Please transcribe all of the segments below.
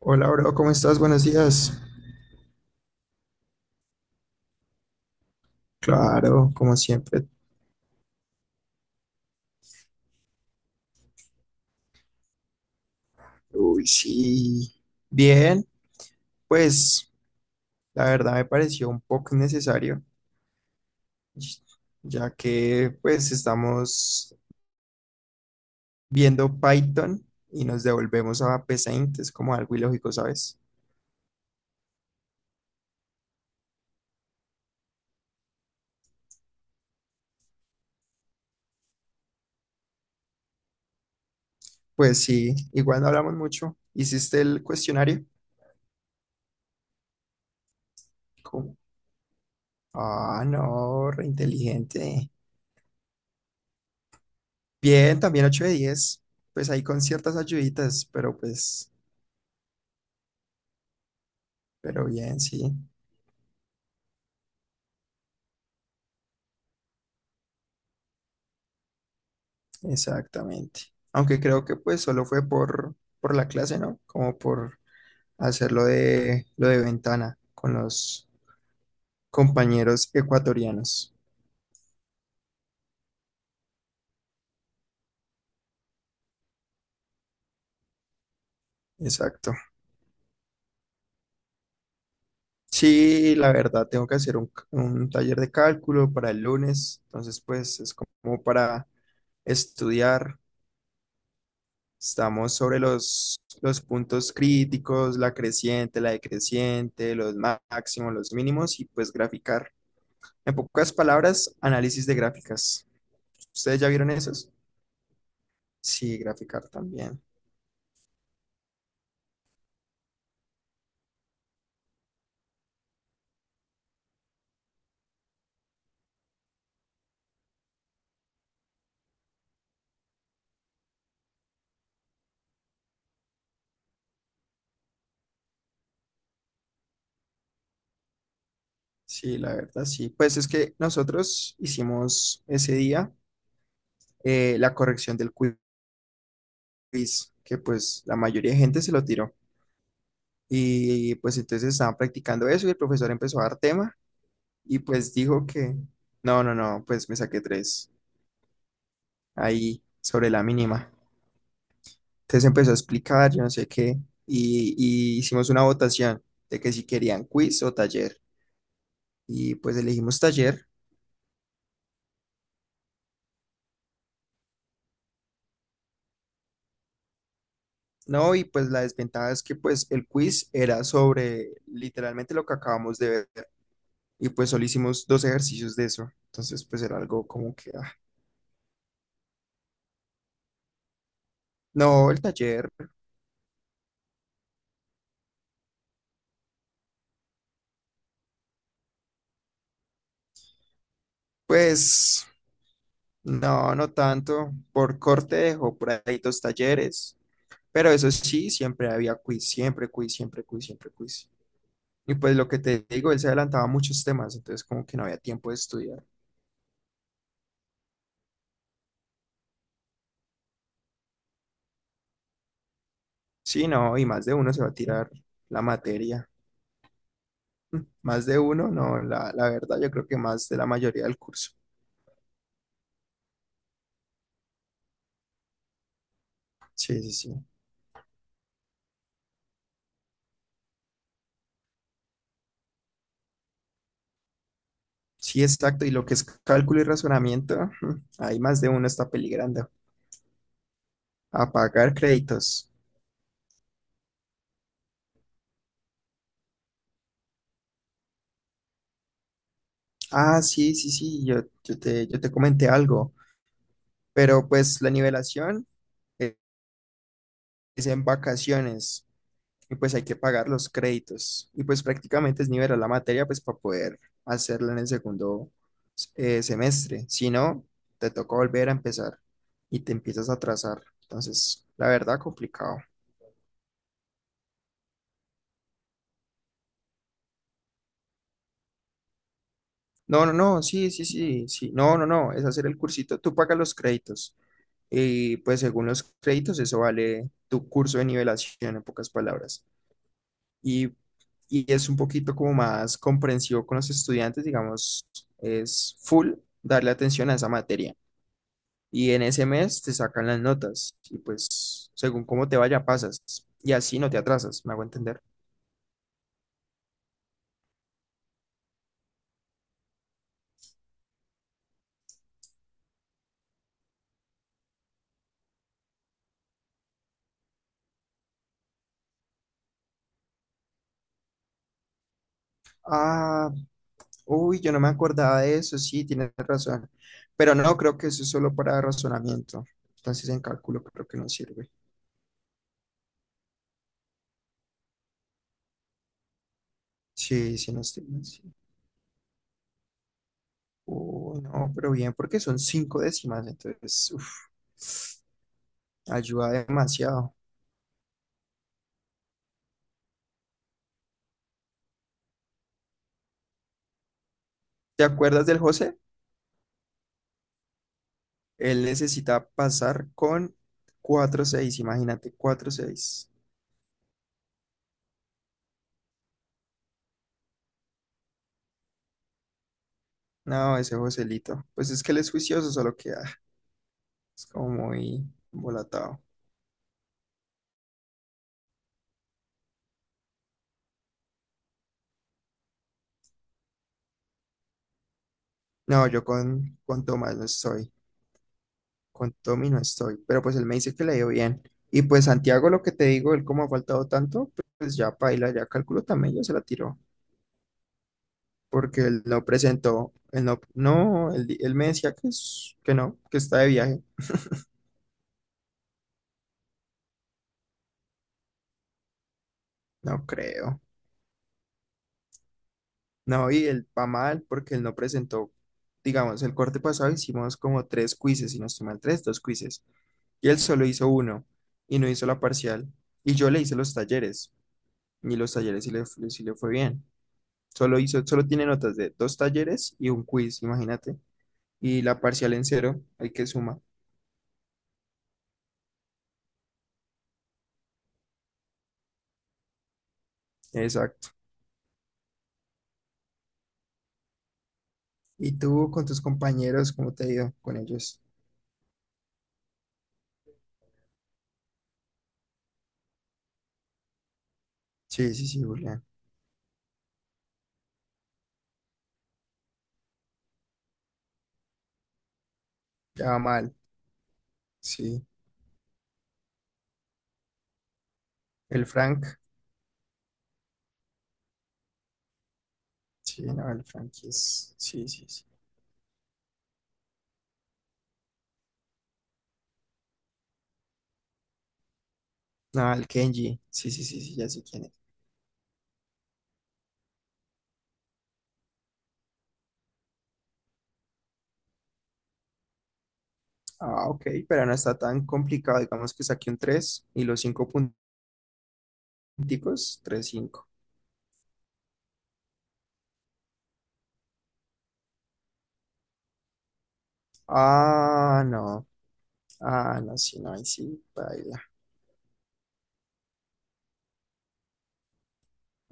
Hola, bro, ¿cómo estás? Buenos días. Claro, como siempre. Uy, sí. Bien, pues la verdad me pareció un poco innecesario, ya que pues estamos viendo Python y nos devolvemos a PSeInt, es como algo ilógico, ¿sabes? Pues sí, igual no hablamos mucho. ¿Hiciste el cuestionario? ¿Cómo? Ah, no, reinteligente. Bien, también 8 de 10. Pues ahí con ciertas ayuditas, pero bien, sí. Exactamente. Aunque creo que pues solo fue por la clase, ¿no? Como por hacer lo de ventana con los compañeros ecuatorianos. Exacto. Sí, la verdad, tengo que hacer un taller de cálculo para el lunes. Entonces, pues es como para estudiar. Estamos sobre los puntos críticos, la creciente, la decreciente, los máximos, los mínimos y pues graficar. En pocas palabras, análisis de gráficas. ¿Ustedes ya vieron esos? Sí, graficar también. Sí, la verdad, sí. Pues es que nosotros hicimos ese día la corrección del quiz, que pues la mayoría de gente se lo tiró. Y pues entonces estaban practicando eso y el profesor empezó a dar tema y pues dijo que, no, no, no, pues me saqué tres ahí sobre la mínima. Entonces empezó a explicar, yo no sé qué, y hicimos una votación de que si querían quiz o taller. Y pues elegimos taller. No, y pues la desventaja es que pues el quiz era sobre literalmente lo que acabamos de ver y pues solo hicimos dos ejercicios de eso. Entonces pues era algo como que, ah, no, el taller, pues no, no tanto. Por corte dejó por ahí dos talleres, pero eso sí, siempre había quiz, siempre quiz, siempre quiz, siempre quiz. Y pues lo que te digo, él se adelantaba a muchos temas, entonces como que no había tiempo de estudiar. Sí, no, y más de uno se va a tirar la materia. Más de uno, no, la verdad, yo creo que más de la mayoría del curso. Sí, sí, sí. Sí, exacto. Y lo que es cálculo y razonamiento, ahí más de uno está peligrando. A pagar créditos. Ah, sí, sí, sí, yo te comenté algo, pero pues la nivelación e- es en vacaciones. Y pues hay que pagar los créditos. Y pues prácticamente es nivelar la materia pues para poder hacerla en el segundo semestre. Si no, te toca volver a empezar y te empiezas a atrasar. Entonces, la verdad, complicado. No, no, no, sí, sí, sí, sí. No, no, no, es hacer el cursito. Tú pagas los créditos. Y pues según los créditos, eso vale tu curso de nivelación, en pocas palabras. y, y es un poquito como más comprensivo con los estudiantes, digamos, es full darle atención a esa materia. Y en ese mes te sacan las notas y pues según cómo te vaya pasas y así no te atrasas, me hago entender. Ah, uy, yo no me acordaba de eso, sí, tienes razón, pero no creo que eso es solo para razonamiento, entonces en cálculo creo que no sirve. Sí, sí, no estoy mal, sí. Uy, no, pero bien, porque son cinco décimas, entonces, uff. Ayuda demasiado. ¿Te acuerdas del José? Él necesita pasar con 4.6, imagínate, 4.6. No, ese Joselito. Pues es que él es juicioso, solo que es como muy volatado. No, yo con Tomás no estoy, con Tommy no estoy, pero pues él me dice que le dio bien. Y pues Santiago, lo que te digo, él como ha faltado tanto, pues ya paila, ya calculo también, ya se la tiró, porque él no presentó, él no, no, él me decía que, que no, que está de viaje. No creo. No, y él va mal porque él no presentó, digamos, el corte pasado hicimos como tres quizzes, si no estoy mal, tres, dos quizzes. Y él solo hizo uno y no hizo la parcial. Y yo le hice los talleres y los talleres sí le fue bien. Solo hizo, solo tiene notas de dos talleres y un quiz, imagínate. Y la parcial en cero, hay que suma. Exacto. ¿Y tú con tus compañeros, cómo te ha ido con ellos? Sí, sí, sí, Julián. Ya va mal, sí. El Frank, sí, no, el Frank es, sí, sí, sí. Ah, el Kenji. Sí, sí, sí, sí, ya sé quién es. Ah, ok, pero no está tan complicado. Digamos que saqué un tres y los cinco punticos, 3.5. Ah, no. Ah, no, sí, no, ahí sí, baila.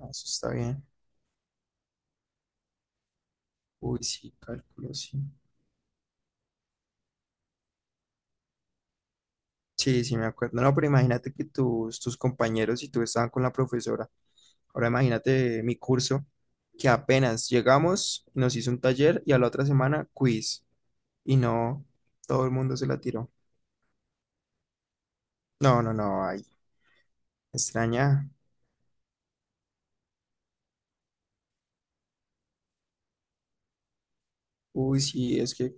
Ah, eso está bien. Uy, sí, cálculo, sí. Sí, sí, me acuerdo. No, pero imagínate que tus compañeros y tú estaban con la profesora. Ahora imagínate mi curso, que apenas llegamos, nos hizo un taller y a la otra semana quiz. Y no, todo el mundo se la tiró. No, no, no, ahí extraña. Uy, sí, es que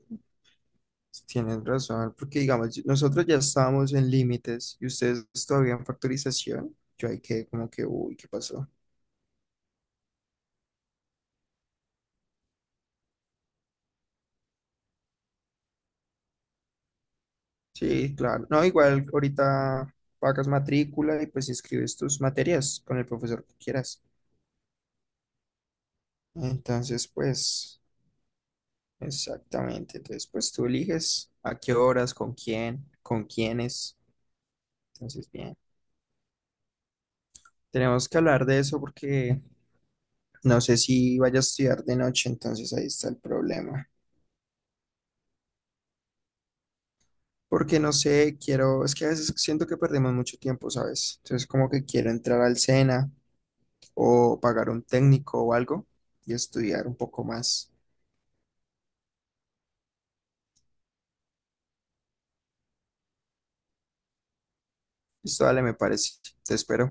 tienen razón, porque digamos, nosotros ya estábamos en límites y ustedes todavía en factorización. Yo ahí que, como que, uy, ¿qué pasó? Sí, claro. No, igual ahorita pagas matrícula y pues inscribes tus materias con el profesor que quieras. Entonces, pues, exactamente. Entonces, pues tú eliges a qué horas, con quién, con quiénes. Entonces, bien. Tenemos que hablar de eso porque no sé si vaya a estudiar de noche, entonces ahí está el problema. Porque no sé, quiero, es que a veces siento que perdemos mucho tiempo, ¿sabes? Entonces como que quiero entrar al SENA o pagar un técnico o algo y estudiar un poco más. Esto dale, me parece. Te espero.